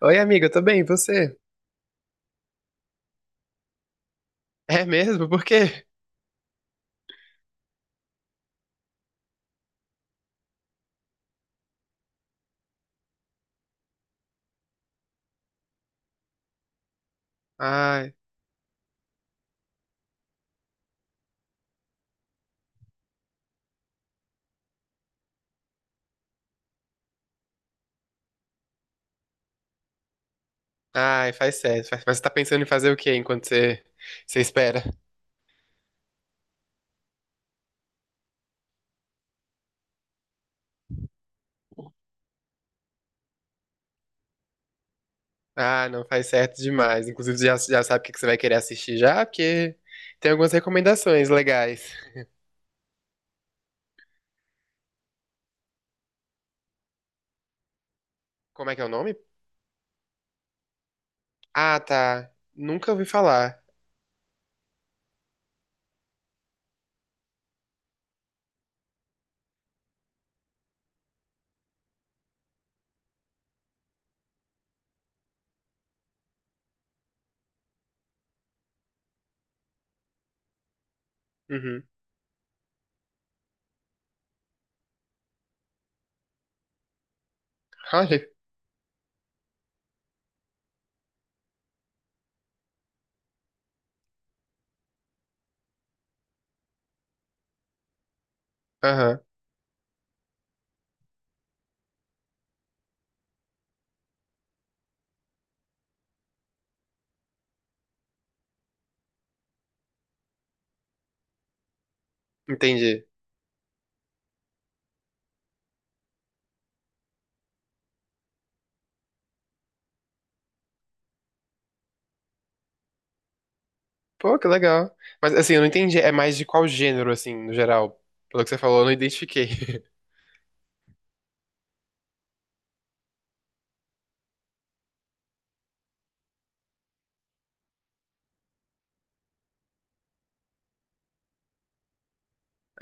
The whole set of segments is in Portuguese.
Oi, amiga, eu tô bem, e você? É mesmo? Por quê? Ai, ai, faz certo. Mas você tá pensando em fazer o quê enquanto você espera? Ah, não, faz certo demais. Inclusive, você já sabe o que que você vai querer assistir já, porque tem algumas recomendações legais. Como é que é o nome? Ah, tá. Nunca ouvi falar. Uhum. Olha. Aham, entendi. Pô, que legal. Mas assim, eu não entendi. É mais de qual gênero, assim, no geral? Pelo que você falou, eu não identifiquei.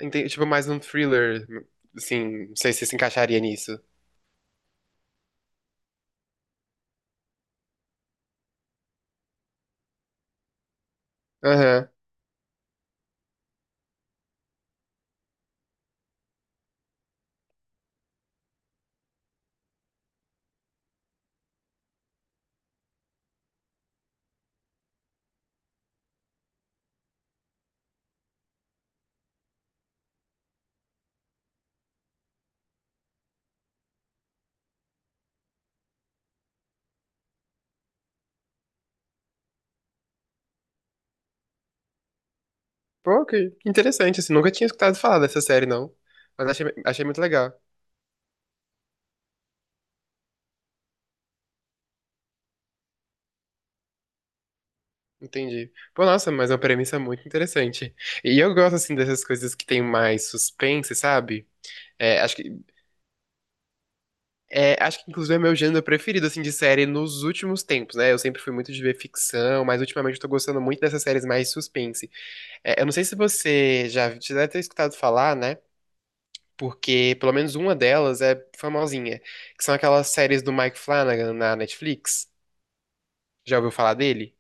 Entendi, tipo, mais um thriller, assim, não sei se se encaixaria nisso. Aham. Pô, que interessante, assim, nunca tinha escutado falar dessa série, não. Mas achei muito legal. Entendi. Pô, nossa, mas é uma premissa muito interessante. E eu gosto, assim, dessas coisas que tem mais suspense, sabe? É, acho que, é, acho que inclusive é meu gênero preferido, assim, de série nos últimos tempos, né? Eu sempre fui muito de ver ficção, mas ultimamente eu tô gostando muito dessas séries mais suspense. É, eu não sei se você já deve ter escutado falar, né? Porque pelo menos uma delas é famosinha, que são aquelas séries do Mike Flanagan na Netflix. Já ouviu falar dele?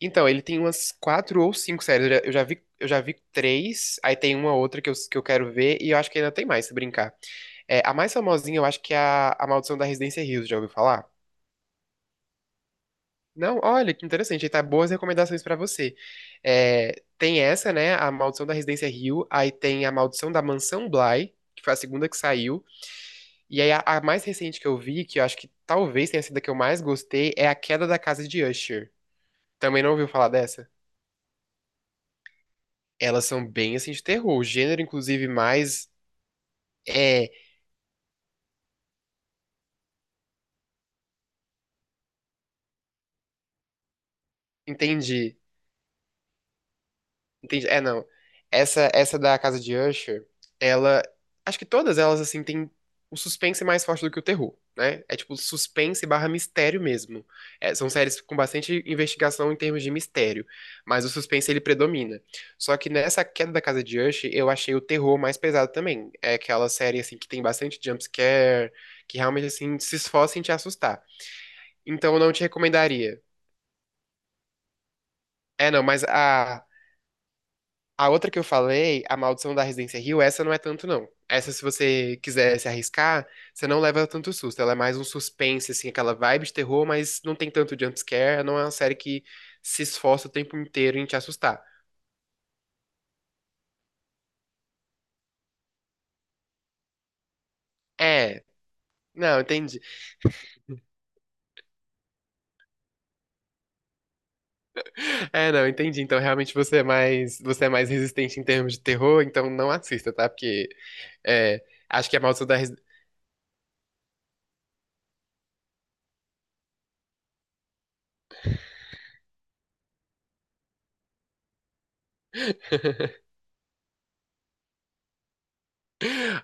Então, ele tem umas quatro ou cinco séries. Eu já vi três, aí tem uma outra que eu quero ver, e eu acho que ainda tem mais, se brincar. É, a mais famosinha, eu acho que é a Maldição da Residência Hills, já ouviu falar? Não, olha, que interessante, aí tá boas recomendações pra você. É, tem essa, né, a Maldição da Residência Hill, aí tem a Maldição da Mansão Bly, que foi a segunda que saiu. E aí, a mais recente que eu vi, que eu acho que talvez tenha sido a que eu mais gostei, é A Queda da Casa de Usher. Também não ouviu falar dessa? Elas são bem assim de terror. O gênero, inclusive, mais é, entende. Entendi. É, não. Essa da Casa de Usher, ela. Acho que todas elas, assim, tem o suspense é mais forte do que o terror, né? É tipo suspense barra mistério mesmo. É, são séries com bastante investigação em termos de mistério, mas o suspense ele predomina. Só que nessa queda da Casa de Usher, eu achei o terror mais pesado também. É aquela série, assim, que tem bastante jumpscare, que realmente, assim, se esforça em te assustar. Então eu não te recomendaria. É, não, mas a outra que eu falei, A Maldição da Residência Hill, essa não é tanto, não. Essa, se você quiser se arriscar, você não leva tanto susto. Ela é mais um suspense, assim, aquela vibe de terror, mas não tem tanto jumpscare. Não é uma série que se esforça o tempo inteiro em te assustar. É, não, entendi. É, não, entendi. Então, realmente, você é mais resistente em termos de terror, então não assista, tá? Porque, é, acho que A Maldição da Residência...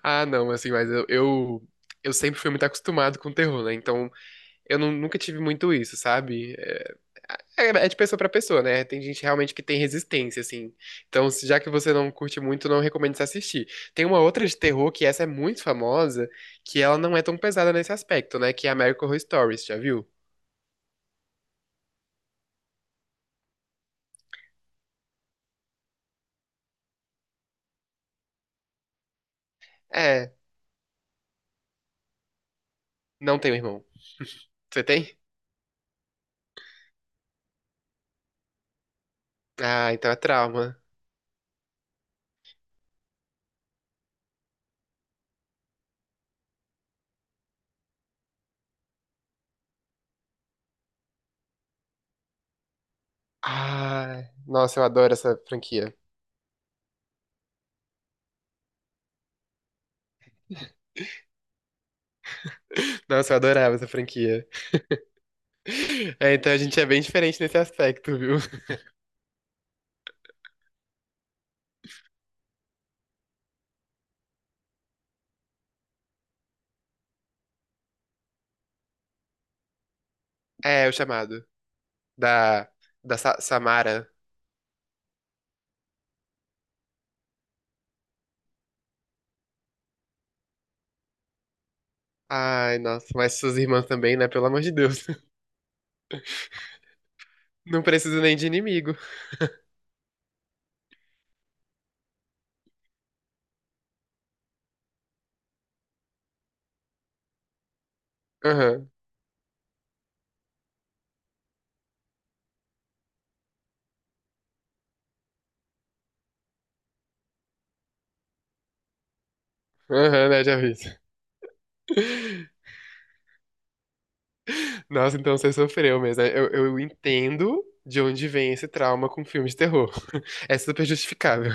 Ah, não, assim, eu sempre fui muito acostumado com terror, né? Então, nunca tive muito isso, sabe? É, é de pessoa pra pessoa, né? Tem gente realmente que tem resistência, assim. Então, já que você não curte muito, não recomendo você assistir. Tem uma outra de terror, que essa é muito famosa, que ela não é tão pesada nesse aspecto, né? Que é American Horror Stories, já viu? É, não tenho irmão. Você tem? Ah, então é trauma. Ah, nossa, eu adoro essa franquia. Nossa, eu adorava essa franquia. É, então a gente é bem diferente nesse aspecto, viu? É, o chamado. Da, da Samara. Ai, nossa, mas suas irmãs também, né? Pelo amor de Deus. Não preciso nem de inimigo. Aham, aham, né? Já vi isso. Nossa, então você sofreu mesmo, né? Eu entendo de onde vem esse trauma com filme de terror. É super justificável.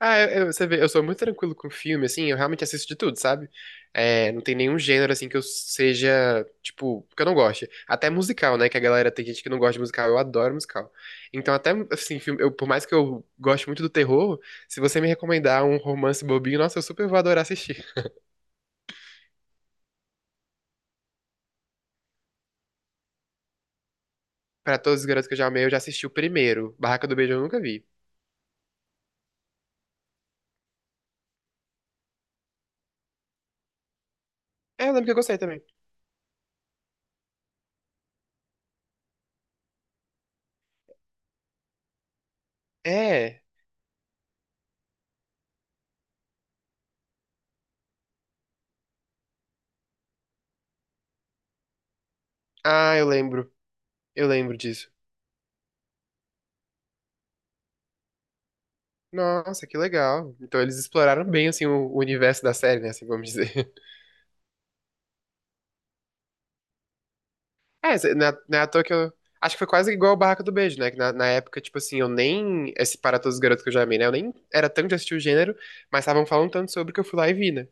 Ah, você vê, eu sou muito tranquilo com filme, assim, eu realmente assisto de tudo, sabe? É, não tem nenhum gênero, assim, que eu seja, tipo, que eu não goste. Até musical, né? Que a galera tem gente que não gosta de musical, eu adoro musical. Então, até, assim, filme, eu, por mais que eu goste muito do terror, se você me recomendar um romance bobinho, nossa, eu super vou adorar assistir. Pra todos os garotos que eu já amei, eu já assisti o primeiro. Barraca do Beijo eu nunca vi. É, eu lembro que eu gostei também. É. Ah, eu lembro. Eu lembro disso. Nossa, que legal. Então eles exploraram bem, assim, o universo da série, né, assim, vamos dizer. É, cê- não é à toa que eu... Acho que foi quase igual o Barraca do Beijo, né, que na época, tipo assim, eu nem... Esse Para Todos os Garotos que eu já amei, né, eu nem era tanto de assistir o gênero, mas estavam falando tanto sobre que eu fui lá e vi, né.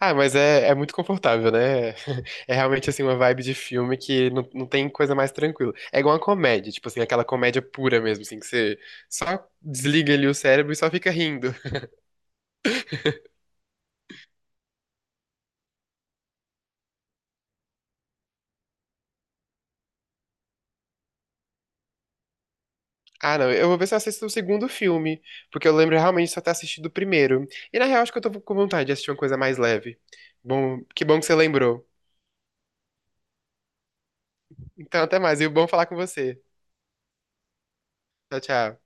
Ah, mas é muito confortável, né. É realmente, assim, uma vibe de filme que não tem coisa mais tranquila. É igual uma comédia, tipo assim, aquela comédia pura mesmo, assim, que você só desliga ali o cérebro e só fica rindo. Ah, não. Eu vou ver se eu assisto o segundo filme, porque eu lembro realmente só ter assistido o primeiro. E na real, acho que eu tô com vontade de assistir uma coisa mais leve. Bom que você lembrou. Então, até mais. E bom falar com você. Tchau, tchau.